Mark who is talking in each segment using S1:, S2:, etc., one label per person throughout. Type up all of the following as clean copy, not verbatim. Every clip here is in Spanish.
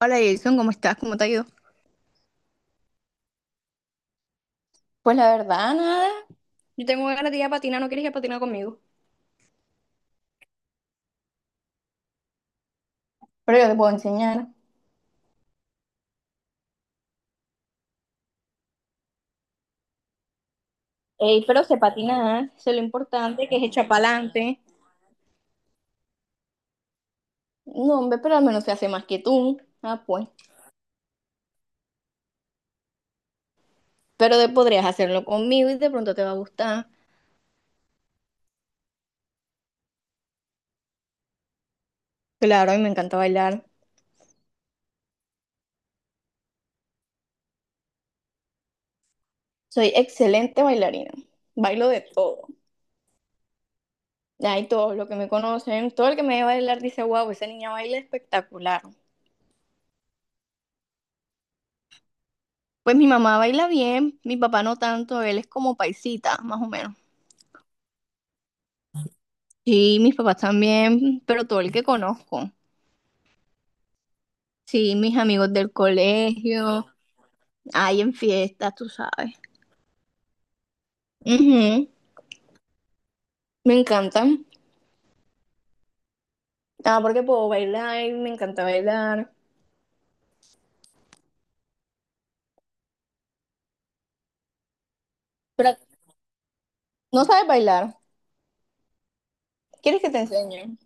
S1: Hola Jason, ¿cómo estás? ¿Cómo te ha ido? Pues la verdad, nada. Yo tengo ganas de ir a patinar, ¿no quieres ir a patinar conmigo? Pero yo te puedo enseñar. Ey, pero se patina, ¿eh? Eso es lo importante, que es echar pa'lante. No, hombre, pero al menos se hace más que tú. Ah, pues. Pero podrías hacerlo conmigo y de pronto te va a gustar. Claro, a mí me encanta bailar. Soy excelente bailarina. Bailo de todo. Ay, todos los que me conocen, todo el que me ve bailar dice, wow, esa niña baila espectacular. Pues mi mamá baila bien, mi papá no tanto, él es como paisita, más o menos. Sí, mis papás también, pero todo el que conozco. Sí, mis amigos del colegio, hay en fiestas, tú sabes. Ujú. Me encantan. Ah, porque puedo bailar, me encanta bailar. Pero no sabes bailar. ¿Quieres que te enseñe?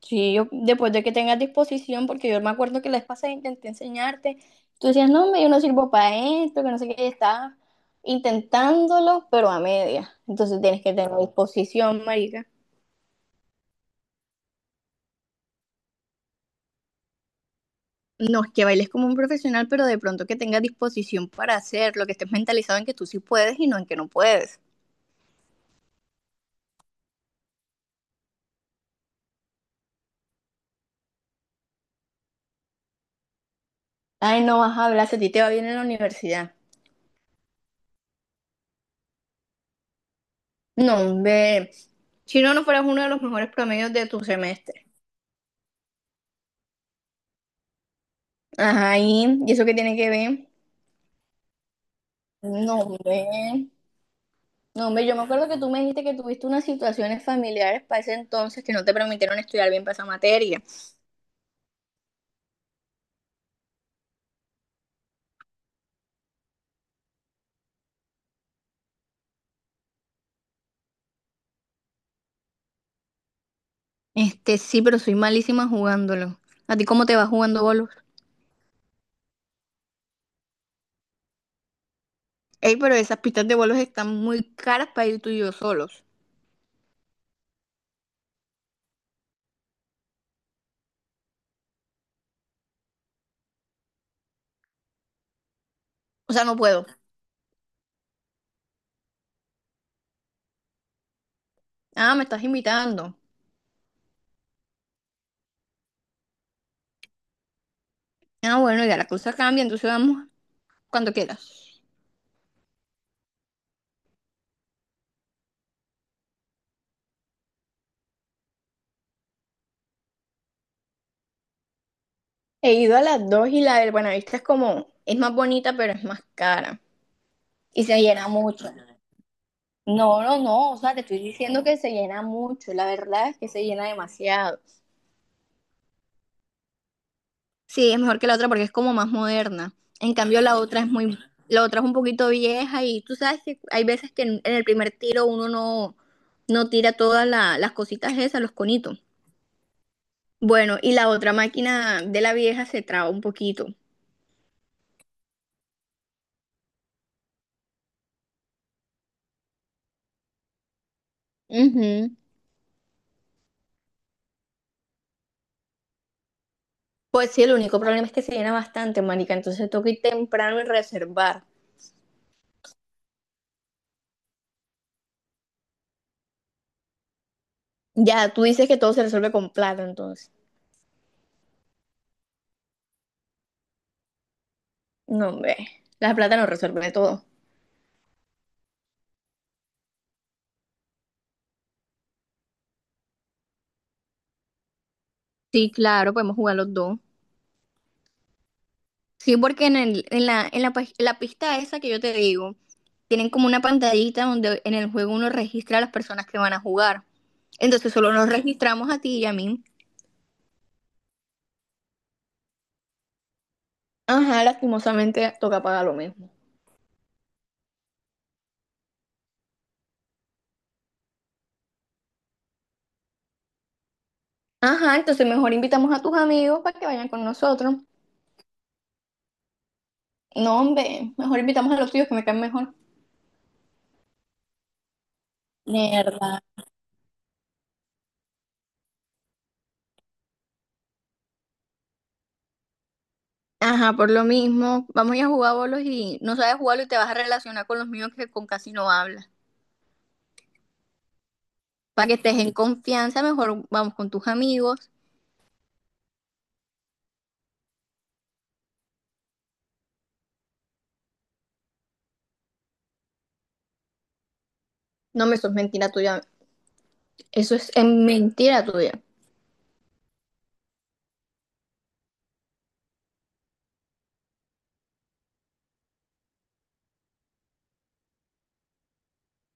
S1: Sí, yo, después de que tengas disposición, porque yo me acuerdo que la vez pasada intenté enseñarte, tú decías, no, hombre, yo no sirvo para esto, que no sé qué, y estabas intentándolo, pero a media. Entonces tienes que tener disposición, marica. No es que bailes como un profesional, pero de pronto que tengas disposición para hacerlo, que estés mentalizado en que tú sí puedes y no en que no puedes. Ay, no vas a hablar, si a ti te va bien en la universidad. No, hombre, si no, no fueras uno de los mejores promedios de tu semestre. Ajá, ¿y eso qué tiene que ver? No, hombre. No, hombre, yo me acuerdo que tú me dijiste que tuviste unas situaciones familiares para ese entonces que no te permitieron estudiar bien para esa materia. Este, sí, pero soy malísima jugándolo. ¿A ti cómo te va jugando bolos? Ey, pero esas pistas de bolos están muy caras para ir tú y yo solos. O sea, no puedo. Ah, me estás invitando. Ah, bueno, ya la cosa cambia, entonces vamos cuando quieras. He ido a las dos y la del Buenavista es como, es más bonita, pero es más cara. Y se llena mucho. No, no, no, o sea, te estoy diciendo que se llena mucho, la verdad es que se llena demasiado. Sí, es mejor que la otra porque es como más moderna. En cambio, la otra es muy, la otra es un poquito vieja y tú sabes que hay veces que en el primer tiro uno no, no tira todas las cositas esas, los conitos. Bueno, y la otra máquina de la vieja se traba un poquito. Ujú. Pues sí, el único problema es que se llena bastante, marica, entonces toca ir temprano y reservar. Ya, tú dices que todo se resuelve con plata, entonces. No, hombre. La plata no resuelve todo. Sí, claro, podemos jugar los dos. Sí, porque en el, en la, pis- la pista esa que yo te digo, tienen como una pantallita donde en el juego uno registra a las personas que van a jugar. Entonces solo nos registramos a ti y a mí. Ajá, lastimosamente toca pagar lo mismo. Ajá, entonces mejor invitamos a tus amigos para que vayan con nosotros. No, hombre, mejor invitamos a los tuyos que me caen mejor. Mierda. Ajá, por lo mismo, vamos a ir a jugar bolos y no sabes jugarlo y te vas a relacionar con los míos que con casi no hablas. Para que estés en confianza, mejor vamos con tus amigos. No, me eso es mentira tuya. Eso es mentira tuya.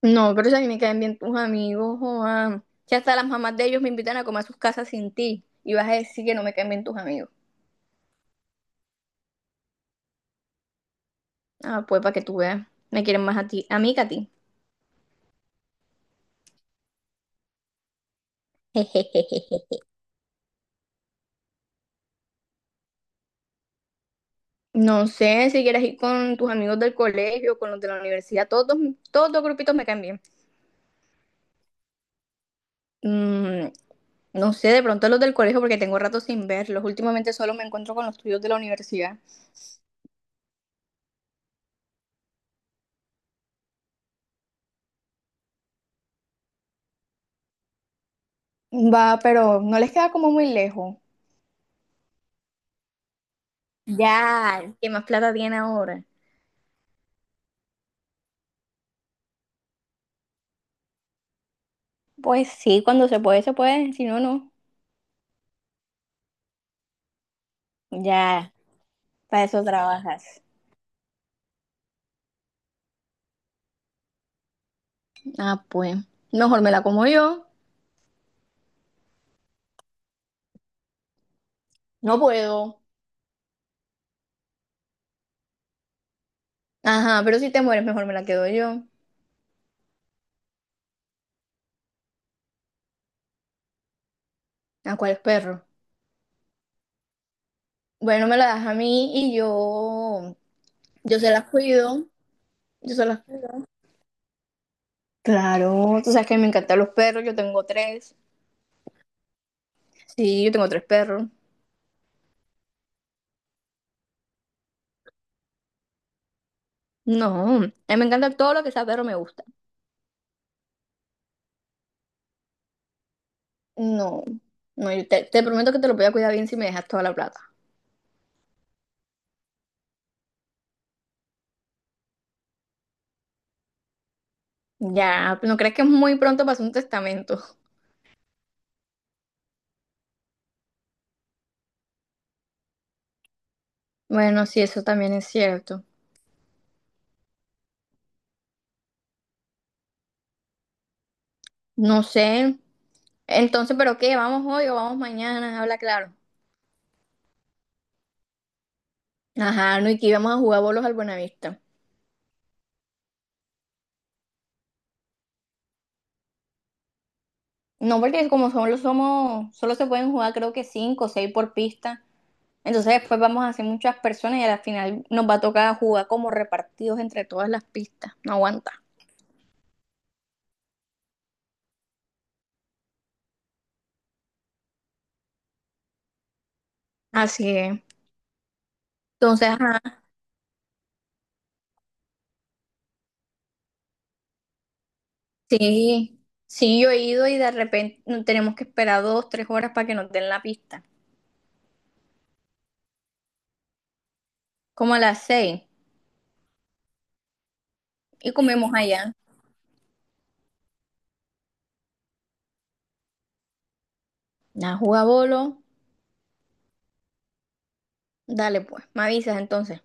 S1: No, pero si a mí me caen bien tus amigos, Juan. Si hasta las mamás de ellos me invitan a comer a sus casas sin ti y vas a decir que no me caen bien tus amigos. Ah, pues para que tú veas, me quieren más a ti, a mí que a ti. No sé si quieres ir con tus amigos del colegio, con los de la universidad, todos, los grupitos me caen bien. Mm, no sé, de pronto los del colegio porque tengo rato sin verlos. Últimamente solo me encuentro con los tuyos de la universidad. Va, pero no les queda como muy lejos. Ya, ¿qué más plata tiene ahora? Pues sí, cuando se puede, si no, no. Ya, para eso trabajas. Ah, pues, mejor me la como yo. No puedo. Ajá, pero si te mueres, mejor me la quedo yo. ¿A cuál perro? Bueno, me la das a mí y yo se las cuido. Yo se las Claro, tú sabes que a mí me encantan los perros, yo tengo tres. Sí, yo tengo tres perros. No, a mí me encanta todo lo que sea perro, me gusta. No, no, yo te, te prometo que te lo voy a cuidar bien si me dejas toda la plata. Ya, ¿no crees que es muy pronto para hacer un testamento? Bueno, sí, eso también es cierto. No sé. Entonces, ¿pero qué? ¿Vamos hoy o vamos mañana? Habla claro. Ajá, no, y que íbamos a jugar bolos al Buenavista. No, porque como solo se pueden jugar creo que cinco o seis por pista. Entonces después vamos a ser muchas personas y a la final nos va a tocar jugar como repartidos entre todas las pistas. No aguanta. Así es. Entonces, ajá, sí, sí, yo he ido y de repente tenemos que esperar 2, 3 horas para que nos den la pista. Como a las seis. Y comemos allá. Nada, juega bolo. Dale pues, me avisas entonces.